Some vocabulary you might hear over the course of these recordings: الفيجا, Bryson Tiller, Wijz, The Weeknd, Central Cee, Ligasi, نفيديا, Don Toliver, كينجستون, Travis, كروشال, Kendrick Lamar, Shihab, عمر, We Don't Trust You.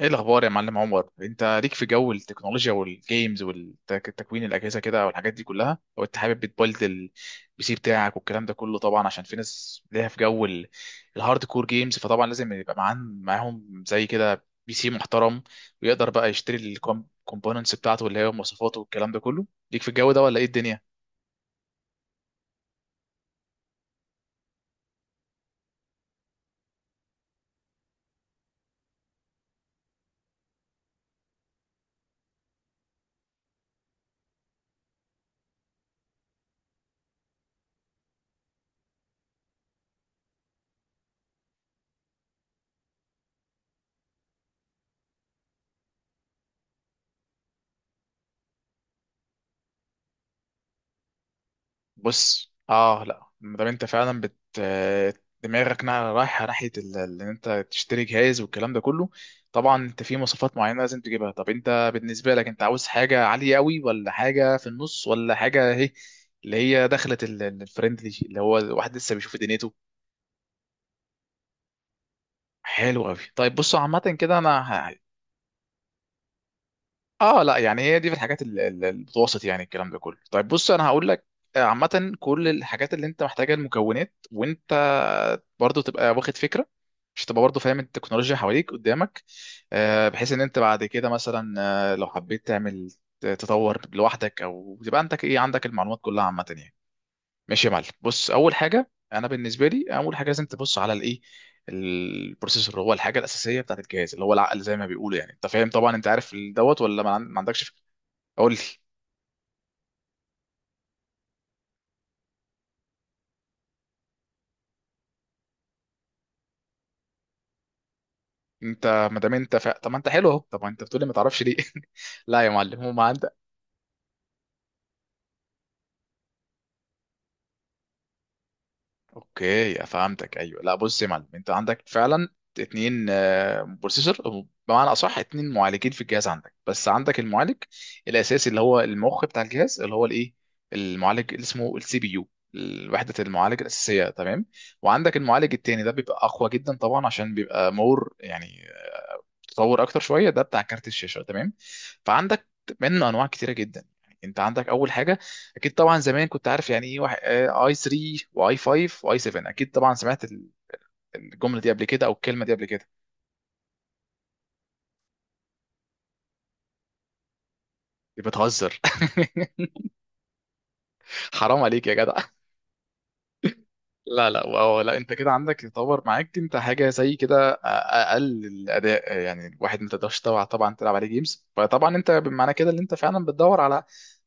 ايه الاخبار يا معلم عمر، انت ليك في جو التكنولوجيا والجيمز والتكوين الاجهزه كده والحاجات دي كلها؟ لو انت حابب بتبلد البي سي بتاعك والكلام ده كله، طبعا عشان في ناس ليها في جو الهارد كور جيمز، فطبعا لازم يبقى معاهم زي كده بي سي محترم، ويقدر بقى يشتري الكومبوننتس بتاعته اللي هي مواصفاته والكلام ده كله. ليك في الجو ده ولا ايه الدنيا؟ بص، لا، ما دام انت فعلا دماغك رايحه ناحيه ان انت تشتري جهاز والكلام ده كله، طبعا انت في مواصفات معينه لازم تجيبها. طب انت بالنسبه لك انت عاوز حاجه عاليه قوي ولا حاجه في النص ولا حاجه اهي اللي هي دخلت الفريندلي اللي هو الواحد لسه بيشوف دنيته؟ حلو قوي. طيب بصوا، عامه كده انا... اه، لا، يعني هي دي في الحاجات المتوسط يعني الكلام ده كله. طيب بص انا هقول لك، عامة كل الحاجات اللي انت محتاجها المكونات، وانت برضو تبقى واخد فكرة، مش تبقى برضو فاهم التكنولوجيا حواليك قدامك، بحيث ان انت بعد كده مثلا لو حبيت تعمل تطور لوحدك، او تبقى عندك ايه، عندك المعلومات كلها عامة يعني. ماشي يا معلم، بص اول حاجه، انا بالنسبه لي اول حاجه لازم تبص على الايه، البروسيسور. هو الحاجه الاساسيه بتاعت الجهاز، اللي هو العقل زي ما بيقولوا، يعني انت فاهم طبعا، انت عارف دوت ولا ما عندكش فكره؟ قول لي. انت ما دام انت طب ما انت حلو اهو. طب ما انت بتقولي ما تعرفش ليه؟ لا يا معلم، هو... اوكي، فهمتك. ايوه، لا بص يا معلم، انت عندك فعلا اتنين بروسيسور، بمعنى اصح اتنين معالجين في الجهاز عندك. بس عندك المعالج الاساسي اللي هو المخ بتاع الجهاز اللي هو الايه، المعالج اللي اسمه السي بي يو، وحدة المعالج الأساسية، تمام. وعندك المعالج التاني ده بيبقى أقوى جدا طبعا عشان بيبقى مور يعني، تطور اكتر شويه، ده بتاع كارت الشاشه، تمام. فعندك منه انواع كتيره جدا، يعني انت عندك اول حاجه، اكيد طبعا زمان كنت عارف يعني ايه واحد، اي 3 واي 5 واي 7، اكيد طبعا سمعت الجمله دي قبل كده او الكلمه دي قبل كده. دي بتهزر حرام عليك يا جدع. لا لا، وهو لا، انت كده عندك يتطور معاك انت حاجه زي كده اقل الاداء، يعني الواحد ما تقدرش طبعا طبعا تلعب عليه جيمز. فطبعا انت معنى كده ان انت فعلا بتدور على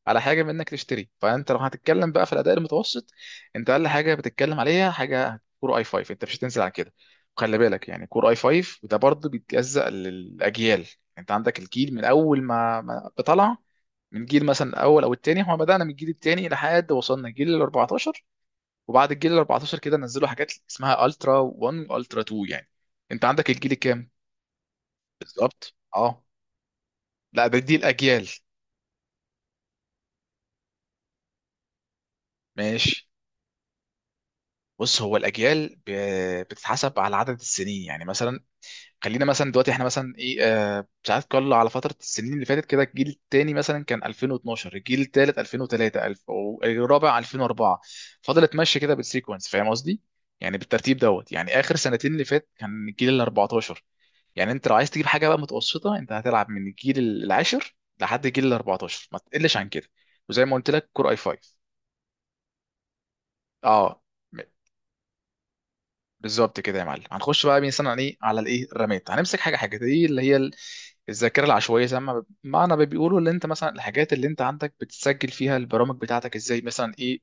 حاجه منك تشتري. فانت لو هتتكلم بقى في الاداء المتوسط، انت اقل حاجه بتتكلم عليها حاجه كور اي 5، انت مش هتنزل عن كده. وخلي بالك يعني كور اي 5 ده برضه بيتجزأ للاجيال، انت عندك الجيل من اول ما بطلع، من جيل مثلا الاول او الثاني، احنا بدأنا من الجيل الثاني لحد وصلنا جيل ال 14، وبعد الجيل ال 14 كده نزلوا حاجات اسمها الترا 1 والترا 2 يعني. انت عندك الجيل الكام؟ بالظبط، اه. لا، ده دي الاجيال. ماشي. بص هو الاجيال بتتحسب على عدد السنين، يعني مثلا خلينا مثلا دلوقتي احنا مثلا ايه، ساعات كل على فتره. السنين اللي فاتت كده، الجيل الثاني مثلا كان 2012، الجيل الثالث 2003، الف، والرابع 2004، فضلت ماشيه كده بالسيكونس، فاهم قصدي؟ يعني بالترتيب دوت، يعني اخر سنتين اللي فات كان الجيل ال 14. يعني انت لو عايز تجيب حاجه بقى متوسطه انت هتلعب من الجيل العاشر لحد الجيل ال 14، ما تقلش عن كده. وزي ما قلت لك كور اي 5. اه، م- بالظبط كده يا معلم. هنخش بقى مثلا على ايه، على الايه الرامات. هنمسك حاجه حاجه، دي اللي هي الذاكره العشوائيه، زي ما معنى ما بيقولوا، اللي انت مثلا الحاجات اللي انت عندك بتسجل فيها البرامج بتاعتك، ازاي مثلا ايه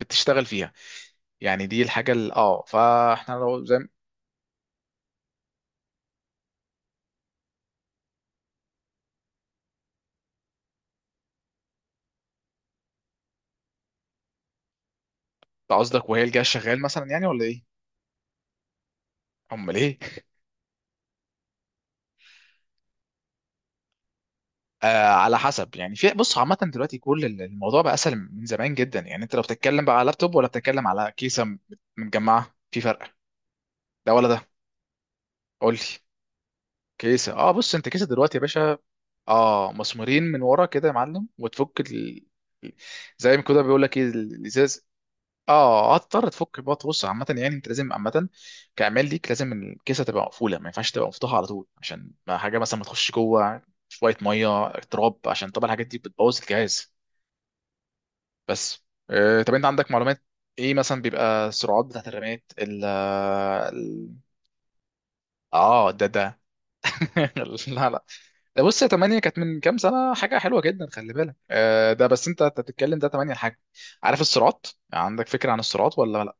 بتشتغل فيها. يعني دي الحاجه فاحنا لو زي انت قصدك وهي الجهاز شغال مثلا يعني ولا ايه؟ امال ايه. على حسب يعني. في، بص، عامة دلوقتي كل الموضوع بقى أسهل من زمان جدا، يعني أنت لو بتتكلم بقى على لابتوب ولا بتتكلم على كيسة متجمعة في فرق، ده ولا ده؟ قول لي. كيسة، بص أنت كيسة دلوقتي يا باشا، أه مسمورين من ورا كده يا معلم، وتفك زي ما كده بيقول لك إيه الإزاز. أه، هتضطر تفك بقى. تبص عامة يعني أنت لازم عامة كعمال ليك لازم الكيسة تبقى مقفولة، ما ينفعش تبقى مفتوحة على طول، عشان ما حاجة مثلا ما تخش جوه شوية مية تراب، عشان طبعا الحاجات دي بتبوظ الجهاز. بس طب انت عندك معلومات ايه مثلا بيبقى السرعات بتاعت الرمات اه، ده لا لا، ده بص يا 8، كانت من كام سنه حاجه حلوه جدا، خلي بالك، ده بس انت بتتكلم ده 8 حاجه. عارف السرعات؟ عندك فكره عن السرعات ولا لا؟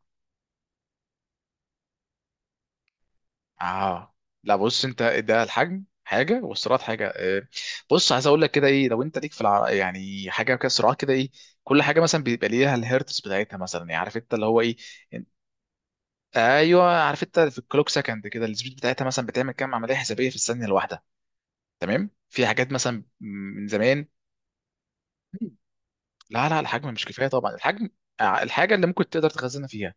اه، لا بص انت ده الحجم حاجه والسرعات حاجه، بص عايز اقول لك كده ايه. لو انت ليك في يعني حاجه كده سرعات، كده ايه، كل حاجه مثلا بيبقى ليها الهيرتز بتاعتها، مثلا يعني عارف انت اللي هو ايه. ايوه، عارف. انت في الكلوك سكند كده، السبيد بتاعتها مثلا بتعمل كام عمليه حسابيه في الثانيه الواحده، تمام. في حاجات مثلا من زمان... لا لا، الحجم مش كفايه طبعا، الحجم الحاجه اللي ممكن تقدر تخزنها فيها.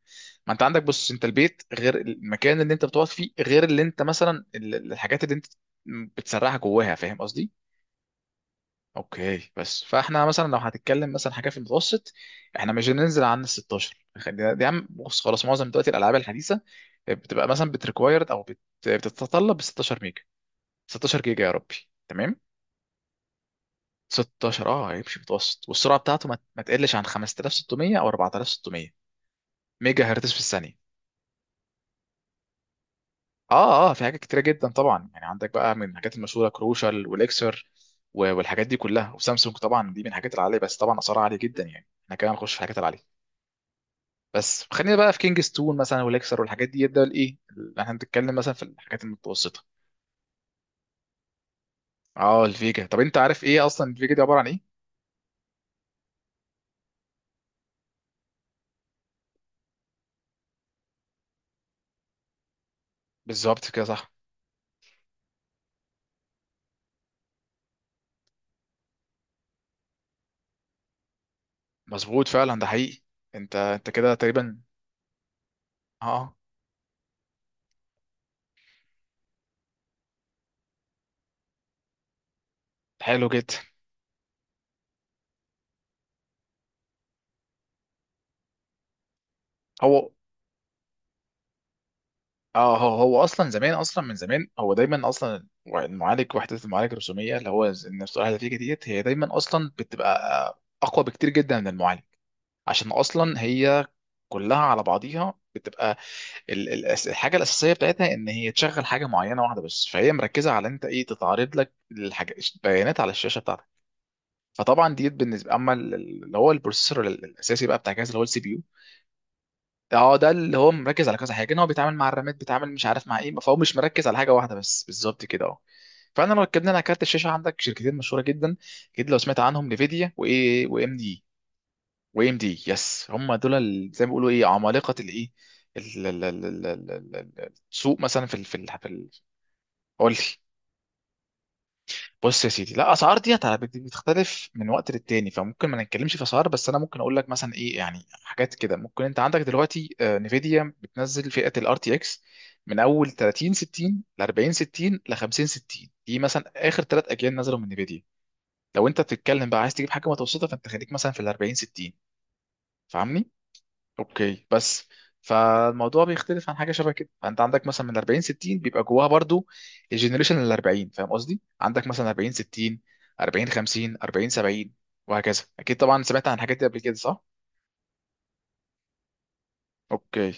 ما انت عندك، بص انت البيت غير المكان اللي انت بتقعد فيه، غير اللي انت مثلا الحاجات اللي انت بتسرعها جواها، فاهم قصدي؟ اوكي، بس فاحنا مثلا لو هتتكلم مثلا حاجه في المتوسط، احنا مش هننزل عن ال 16. دي يا عم بص خلاص، معظم دلوقتي الالعاب الحديثه بتبقى مثلا بتريكوايرد او بتتطلب 16 ميجا، 16 جيجا يا ربي، تمام. 16 اه هيمشي متوسط، والسرعه بتاعته ما تقلش عن 5600 او 4600 ميجا هرتز في الثانيه. اه اه، في حاجات كتيره جدا طبعا، يعني عندك بقى من الحاجات المشهوره كروشال والاكسر والحاجات دي كلها، وسامسونج. طبعا دي من الحاجات العاليه، بس طبعا اسعارها عاليه جدا، يعني احنا كده هنخش في الحاجات العاليه. بس خلينا بقى في كينجستون مثلا والاكسر والحاجات دي، ده الايه اللي احنا بنتكلم مثلا في الحاجات المتوسطه. اه، الفيجا. طب انت عارف ايه اصلا الفيجا دي عباره عن ايه؟ بالظبط كده، صح. مظبوط، فعلا ده حقيقي. انت كده تقريبا، اه حلو جدا. هو اه هو اصلا زمان، اصلا من زمان، هو دايما اصلا المعالج، وحده المعالج الرسوميه اللي هو النفس الهاتفيه ديت، هي دايما اصلا بتبقى آه، اقوى بكتير جدا من المعالج، عشان اصلا هي كلها على بعضيها بتبقى الحاجه الاساسيه بتاعتها ان هي تشغل حاجه معينه واحده بس، فهي مركزه على انت ايه تتعرض لك الحاجه، البيانات على الشاشه بتاعتك. فطبعا ديت بالنسبه اما اللي هو البروسيسور الاساسي بقى بتاع جهاز اللي هو السي بي يو. اه، ده اللي هو مركز على كذا حاجه، ان هو بيتعامل مع الرامات، بيتعامل مش عارف مع ايه، فهو مش مركز على حاجه واحده بس، بالظبط كده، اه. فاحنا لو اتكلمنا على كارت الشاشه، عندك شركتين مشهوره جدا، اكيد لو سمعت عنهم، نفيديا، وايه، وام دي. وام دي، يس. هم دول زي ما بيقولوا ايه عمالقه الايه ال- ال- ال- ال- السوق مثلا في قول لي. بص يا سيدي، لا الاسعار ديت بتختلف من وقت للتاني، فممكن ما نتكلمش في اسعار. بس انا ممكن اقول لك مثلا ايه. يعني حاجات كده ممكن انت عندك دلوقتي، نفيديا بتنزل فئه الار تي اكس من اول 30 60 ل 40 60 ل 50 60، دي مثلا اخر ثلاث اجيال نزلوا من نفيديا. لو انت بتتكلم بقى عايز تجيب حاجه متوسطه فانت خليك مثلا في ال 40 60، فاهمني؟ اوكي، بس فالموضوع بيختلف عن حاجه شبه كده، فانت عندك مثلا من 40 60 بيبقى جواها برضو الجنريشن ال 40، فاهم قصدي؟ عندك مثلا 40 60، 40 50، 40 70، وهكذا. اكيد طبعا سمعت عن الحاجات دي قبل كده، صح؟ اوكي.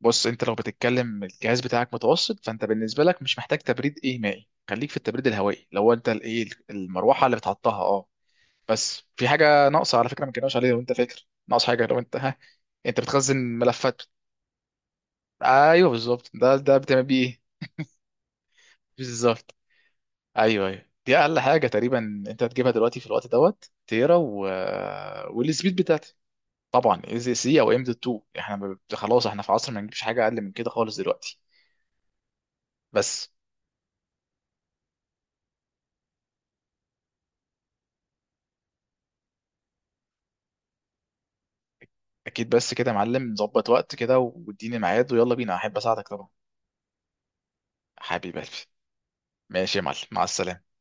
بص انت لو بتتكلم الجهاز بتاعك متوسط، فانت بالنسبه لك مش محتاج تبريد ايه مائي، خليك في التبريد الهوائي لو انت الايه المروحه اللي بتحطها، اه. بس في حاجه ناقصه على فكره ما كناش عليها، لو انت فاكر ناقص حاجه، لو انت ها. انت بتخزن ملفات؟ ايوه بالظبط، ده بتعمل بيه ايه. بالظبط. ايوه ايوه، دي اقل حاجه تقريبا. انت هتجيبها دلوقتي في الوقت دوت تيرا والسبيد بتاعتي. طبعا اي زي سي او ام دوت 2، احنا خلاص، احنا في عصر ما نجيبش حاجه اقل من كده خالص دلوقتي. بس. اكيد، بس كده يا معلم نظبط وقت كده واديني ميعاد ويلا بينا، احب اساعدك طبعا. حبيب قلبي. ماشي يا معلم، مع السلامه.